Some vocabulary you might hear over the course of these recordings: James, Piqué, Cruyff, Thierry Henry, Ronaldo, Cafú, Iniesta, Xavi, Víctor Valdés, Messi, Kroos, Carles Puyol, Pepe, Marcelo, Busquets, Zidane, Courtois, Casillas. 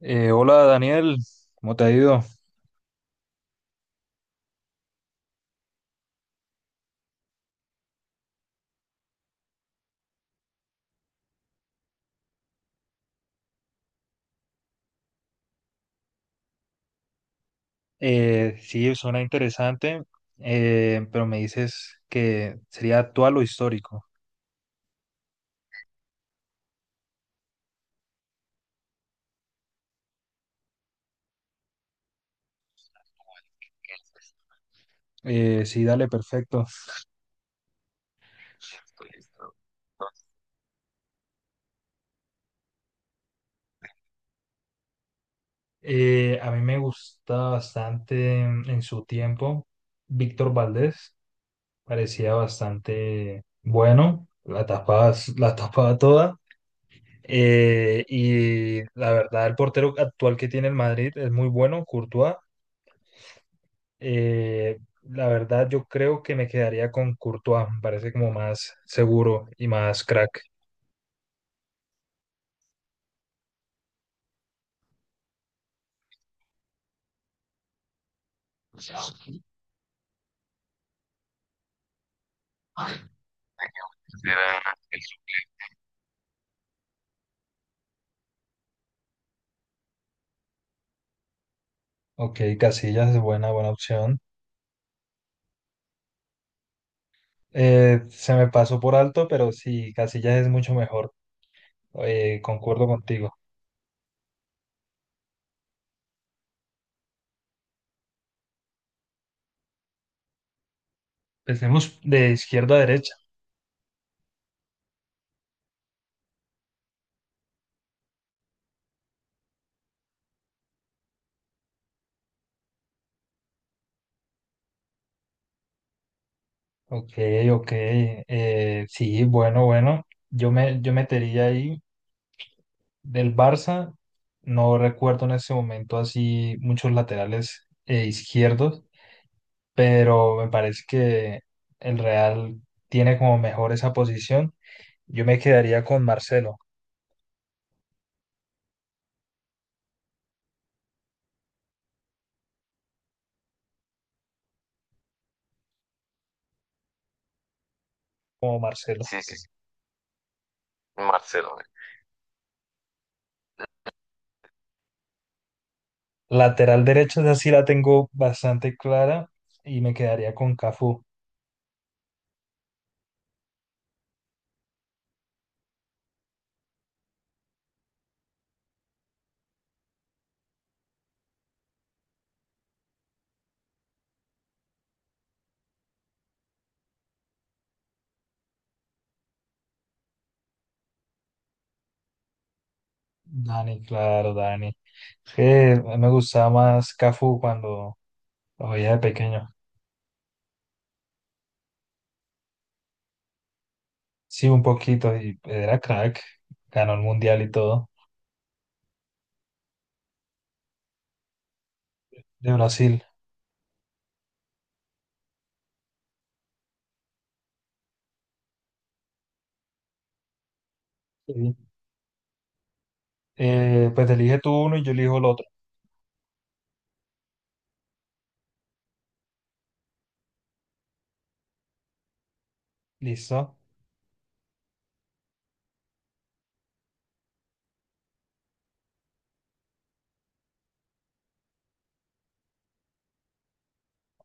Hola Daniel, ¿cómo te ha ido? Sí, suena interesante, pero me dices que sería actual o histórico. Sí, dale, perfecto. A mí me gusta bastante en su tiempo Víctor Valdés, parecía bastante bueno, la tapaba, la tapaba toda. Y la verdad, el portero actual que tiene el Madrid es muy bueno, Courtois. Eh, la verdad, yo creo que me quedaría con Courtois, me parece como más seguro y más crack. Ok, Casillas es buena, buena opción. Se me pasó por alto, pero sí, Casillas es mucho mejor. Concuerdo contigo. Empecemos de izquierda a derecha. Ok, ok. Sí, bueno, bueno. Yo metería ahí del Barça. No recuerdo en ese momento así muchos laterales izquierdos. Pero me parece que el Real tiene como mejor esa posición. Yo me quedaría con Marcelo, como Marcelo. Sí, sí, sí, Marcelo. Güey. Lateral derecho, esa sí la tengo bastante clara y me quedaría con Cafú. Dani, claro, Dani. Es que a mí me gustaba más Cafú cuando lo veía de pequeño. Sí, un poquito, y era crack. Ganó el mundial y todo, de Brasil. Sí. Pues elige tú uno y yo elijo el otro. ¿Listo?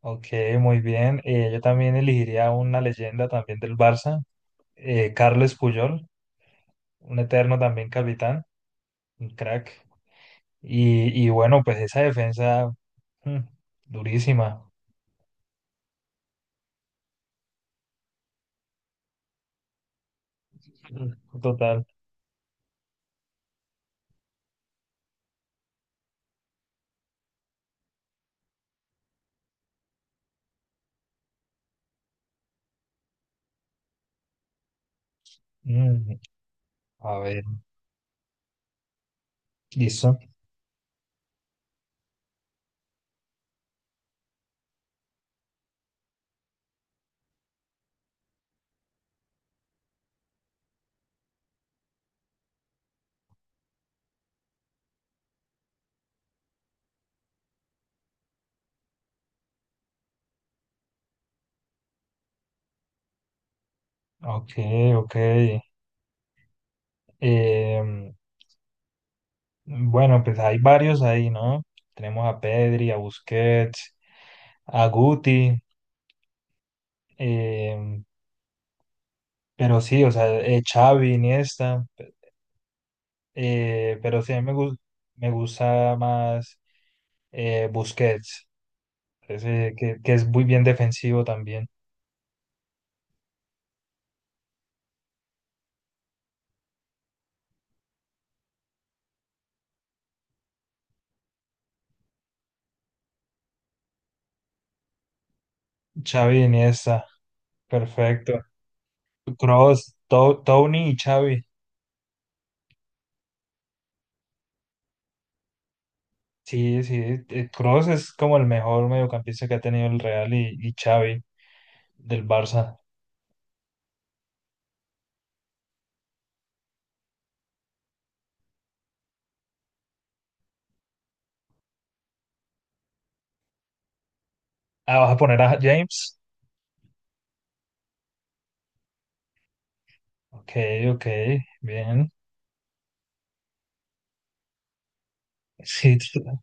Ok, muy bien. Yo también elegiría una leyenda también del Barça, Carles Puyol, un eterno también capitán, un crack. Y bueno, pues esa defensa, mm, durísima. Mm, total. Mm, a ver, listo. Ok, ok. Em, bueno, pues hay varios ahí, ¿no? Tenemos a Pedri, a Busquets, a Guti, em, pero sí, o sea, Xavi, Iniesta. Pero sí, a mí me, gus- me gusta más Busquets, ese que es muy bien defensivo también. Xavi, Iniesta, perfecto. Kroos, Tony y Xavi. Sí, sí, Kroos es como el mejor mediocampista que ha tenido el Real y Xavi del Barça. Ah, ¿vas a poner a James? Ok, ok, bien. Sí, t-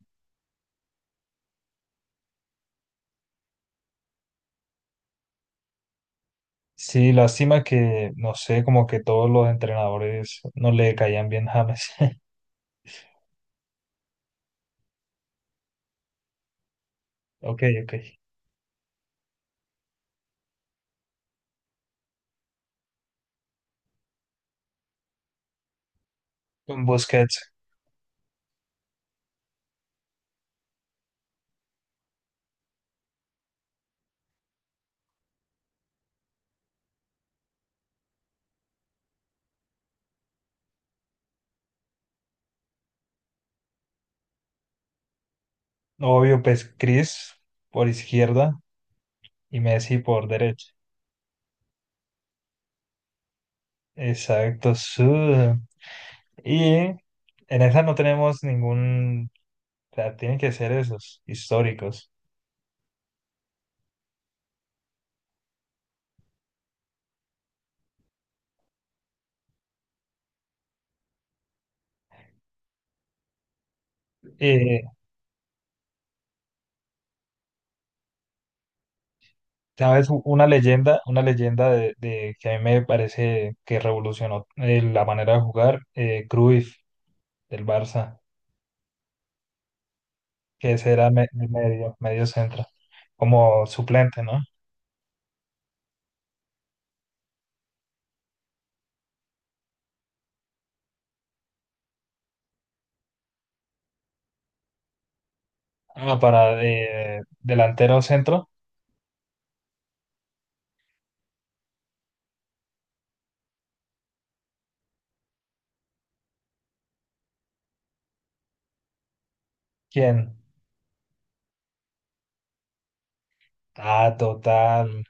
sí, lástima que, no sé, como que todos los entrenadores no le caían bien James. Ok, ok. Con Busquets, obvio, pues Chris por izquierda y Messi por derecha. Exacto, sí. Y en esa no tenemos ningún, o sea, tienen que ser esos históricos. Eh, ¿Sabes? Una leyenda de que a mí me parece que revolucionó la manera de jugar, Cruyff del Barça, que ese era medio, medio centro, como suplente, ¿no? Ah, para delantero centro, ¿quién? Ah, total.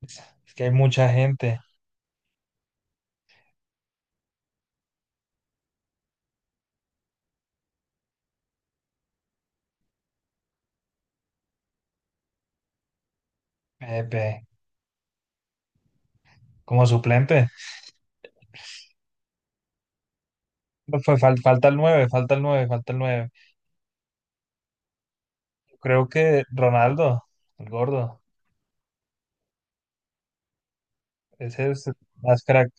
Es que hay mucha gente. Pepe, como suplente. No. Fue falta el nueve, falta el nueve, falta el nueve. Creo que Ronaldo, el gordo. Ese es más crack.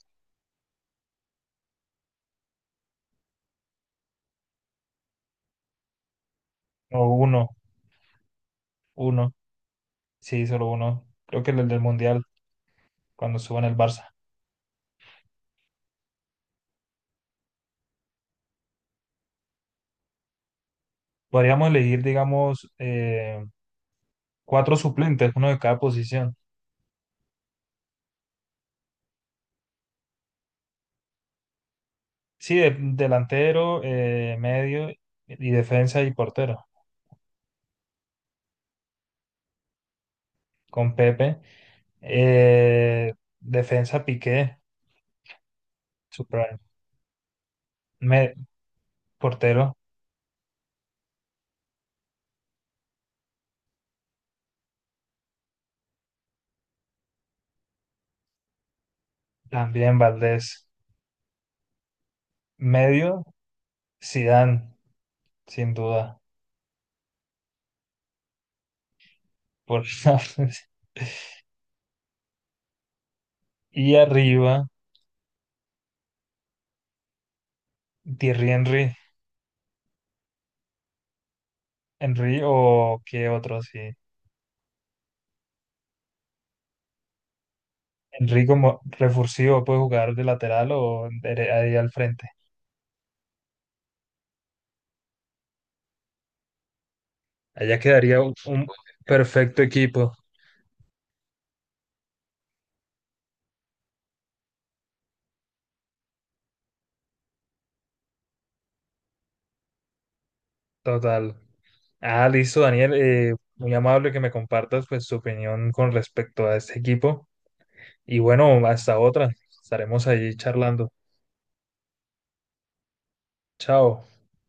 O uno, uno. Sí, solo uno. Creo que el del Mundial, cuando estuvo en el Barça. Podríamos elegir, digamos, cuatro suplentes, uno de cada posición. Sí, delantero, medio y defensa y portero. Con Pepe. Eh, Defensa Piqué, su prime. Me- Portero también Valdés. Medio Zidane, sin duda. Por... Y arriba Thierry Henry. Henry o qué otro, sí. Henry como refursivo puede jugar de lateral o ahí al frente. Allá quedaría un perfecto equipo total. Ah, listo, Daniel. Muy amable que me compartas pues tu opinión con respecto a este equipo. Y bueno, hasta otra. Estaremos allí charlando. Chao.